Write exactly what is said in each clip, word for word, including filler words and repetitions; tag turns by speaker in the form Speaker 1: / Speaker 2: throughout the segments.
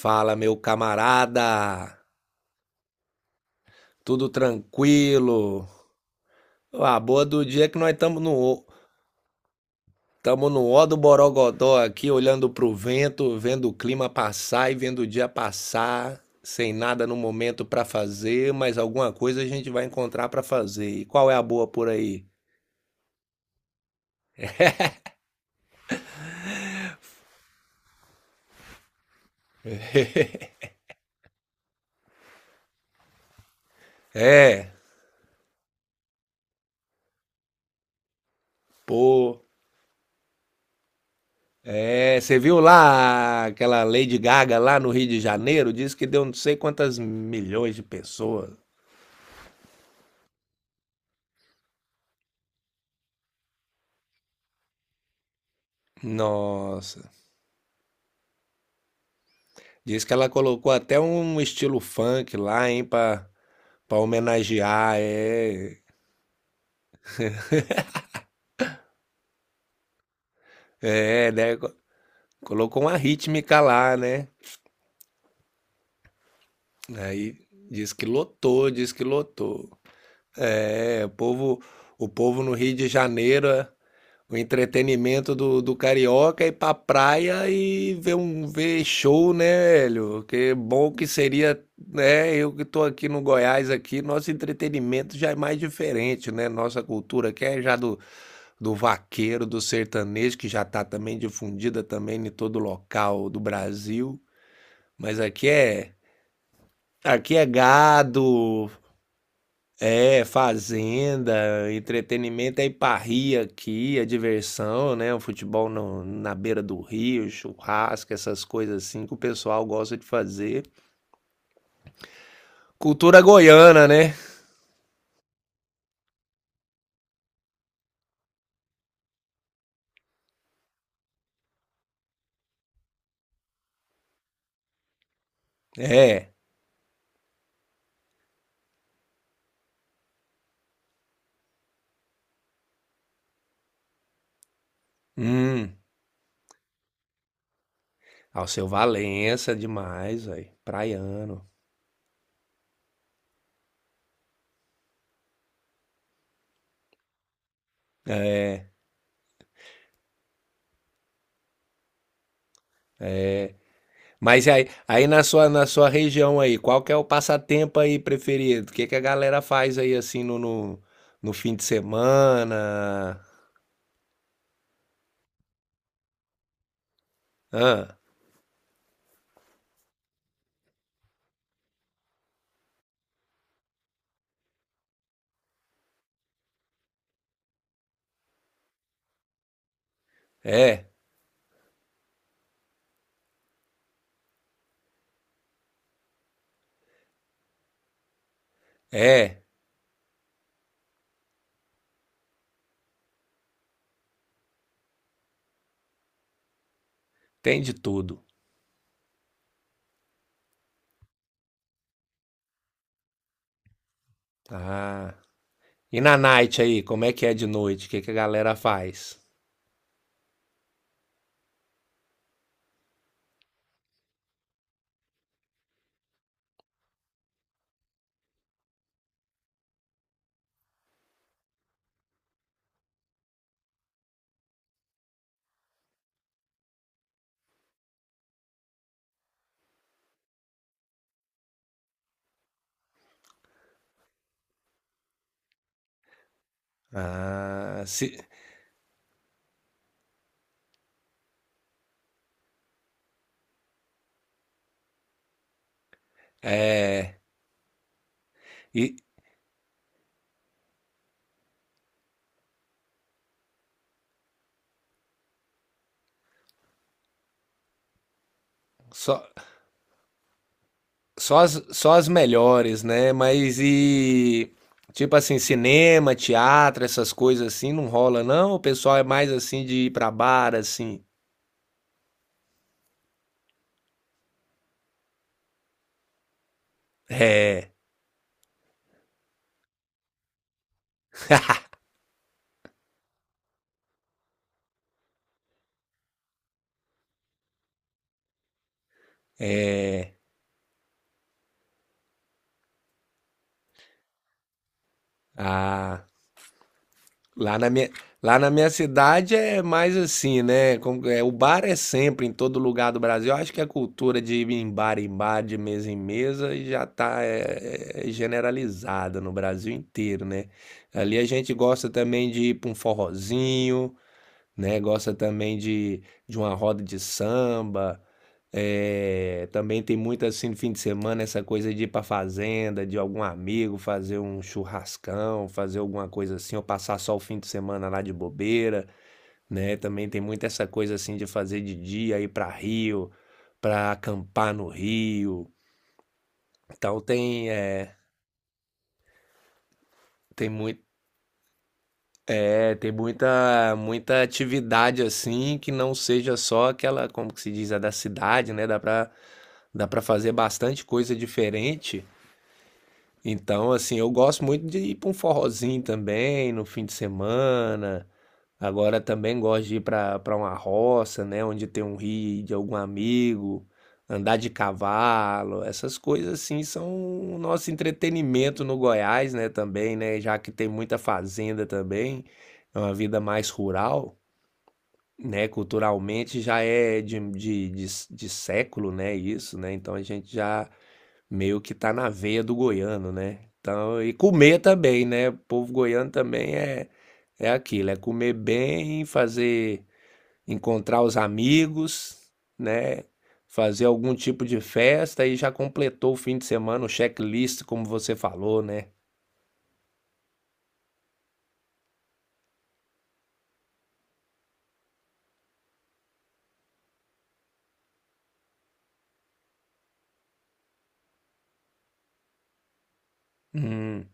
Speaker 1: Fala, meu camarada. Tudo tranquilo. A boa do dia é que nós estamos no estamos no ó do Borogodó aqui, olhando pro vento, vendo o clima passar e vendo o dia passar, sem nada no momento para fazer, mas alguma coisa a gente vai encontrar para fazer. E qual é a boa por aí? É, pô, é, você viu lá aquela Lady Gaga lá no Rio de Janeiro? Diz que deu não sei quantas milhões de pessoas. Nossa, diz que ela colocou até um estilo funk lá, hein, pra, pra homenagear, é, é, né? co- Colocou uma rítmica lá, né? Aí diz que lotou, diz que lotou. É, o povo, o povo no Rio de Janeiro, é, o entretenimento do, do carioca é ir pra praia e ver um ver show, né, velho? Que bom que seria, né? Eu que tô aqui no Goiás aqui, nosso entretenimento já é mais diferente, né? Nossa cultura aqui é já do do vaqueiro, do sertanejo, que já está também difundida também em todo local do Brasil. Mas aqui é aqui é gado, é fazenda, entretenimento é parria aqui, a diversão, né? O futebol no- na beira do rio, churrasco, essas coisas assim que o pessoal gosta de fazer. Cultura goiana, né? É. Hum. Alceu Valença demais, velho. Praiano. Mas aí, aí na sua, na sua região aí, qual que é o passatempo aí preferido? O que que a galera faz aí assim no, no, no fim de semana? Ah, é, é, tem de tudo. Ah. E na night aí, como é que é de noite? O que que a galera faz? Ah, se, é, e só, Só as, só as melhores, né? Mas e. Tipo assim, cinema, teatro, essas coisas assim, não rola, não? O pessoal é mais assim de ir pra bar, assim. É. Ah. Lá na minha, lá na minha cidade é mais assim, né? Como- é, o bar é sempre em todo lugar do Brasil. Eu acho que a cultura de ir em bar em bar, de mesa em mesa, já tá é, é, é generalizada no Brasil inteiro, né? Ali a gente gosta também de ir pra um forrozinho. Né? Gosta também de, de uma roda de samba. eh, também tem muito assim no fim de semana essa coisa de ir pra fazenda, de algum amigo fazer um churrascão, fazer alguma coisa assim, ou passar só o fim de semana lá de bobeira, né? Também tem muito essa coisa assim de fazer de dia, ir pra Rio, pra acampar no Rio. Então tem, eh, tem muito, é, tem muita, muita atividade assim que não seja só aquela, como que se diz, a da cidade, né? Dá pra Dá pra fazer bastante coisa diferente. Então, assim, eu gosto muito de ir pra um forrozinho também no fim de semana. Agora também gosto de ir pra, pra uma roça, né? Onde tem um rio de algum amigo, andar de cavalo. Essas coisas, assim, são o nosso entretenimento no Goiás, né? Também, né? Já que tem muita fazenda também, é uma vida mais rural, né, culturalmente já é de, de, de, de século, né, isso, né, então a gente já meio que tá na veia do goiano, né? Então, e comer também, né? O povo goiano também é é aquilo, é comer bem, fazer encontrar os amigos, né? Fazer algum tipo de festa e já completou o fim de semana, o checklist, como você falou, né? Hum,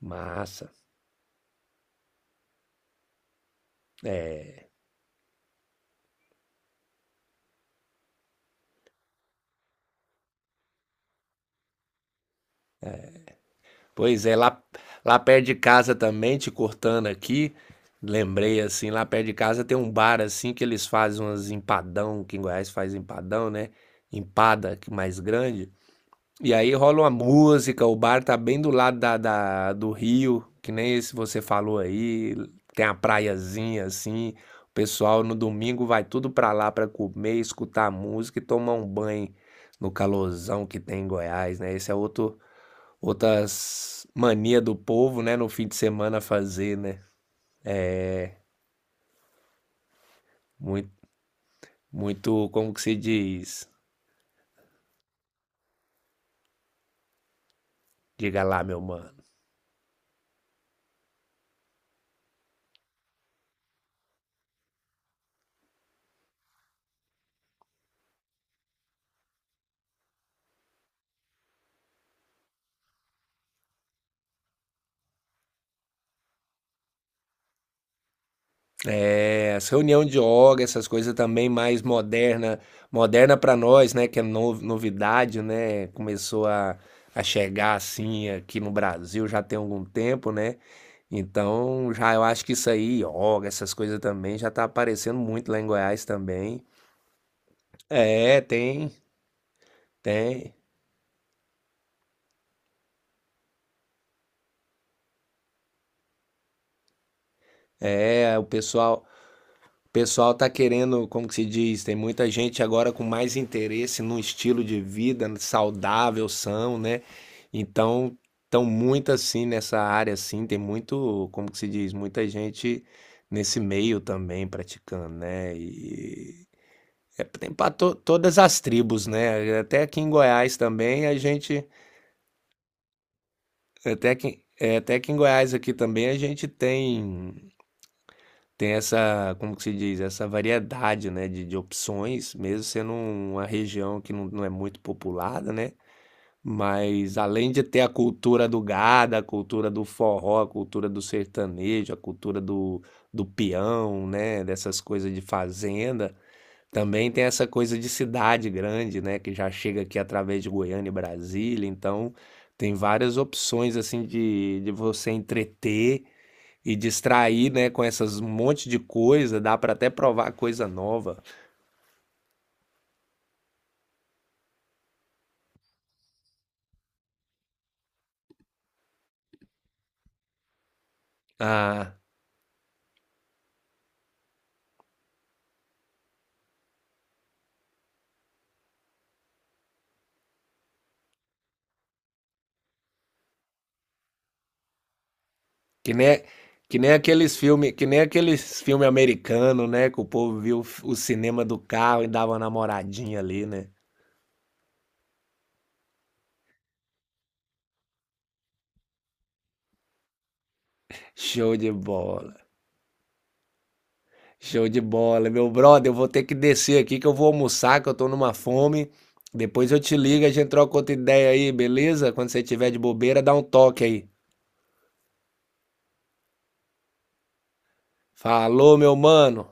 Speaker 1: massa. Pois é, lá, lá perto de casa também, te cortando aqui, lembrei assim, lá perto de casa tem um bar assim que eles fazem umas empadão, que em Goiás faz empadão, né? Empada que mais grande. E aí rola uma música, o bar tá bem do lado da, da- do rio, que nem esse você falou aí, tem a praiazinha assim. O pessoal no domingo vai tudo pra lá pra comer, escutar música e tomar um banho no calorzão que tem em Goiás, né? Esse é outro outras mania do povo, né, no fim de semana fazer, né? Muito, muito, como que se diz? Diga lá, meu mano. É, as reunião de yoga, essas coisas também mais moderna, moderna para nós, né, que é no- novidade, né? Começou a a chegar assim aqui no Brasil já tem algum tempo, né? Então, já eu acho que isso aí, yoga, essas coisas também já tá aparecendo muito lá em Goiás também. É, tem, tem. É, o pessoal pessoal tá querendo, como que se diz, tem muita gente agora com mais interesse num estilo de vida saudável, são, né? Então, estão muito assim nessa área assim, tem muito, como que se diz, muita gente nesse meio também praticando, né? E é, tem para todas as tribos, né? Até aqui em Goiás também a gente, até que até aqui em Goiás aqui também a gente tem. Tem essa, como que se diz? Essa variedade, né, de de opções, mesmo sendo uma região que não não é muito populada, né, mas além de ter a cultura do gado, a cultura do forró, a cultura do sertanejo, a cultura do do peão, né, dessas coisas de fazenda, também tem essa coisa de cidade grande, né, que já chega aqui através de Goiânia e Brasília, então tem várias opções, assim, de de você entreter e distrair, né, com essas um monte de coisa, dá pra até provar coisa nova. Ah, que nem que nem aqueles filmes, que nem aqueles filme americano, né, que o povo viu o cinema do carro e dava uma namoradinha ali, né? Show de bola. Show de bola, meu brother, eu vou ter que descer aqui que eu vou almoçar, que eu tô numa fome. Depois eu te ligo, a gente troca outra ideia aí, beleza? Quando você tiver de bobeira, dá um toque aí. Falou, meu mano.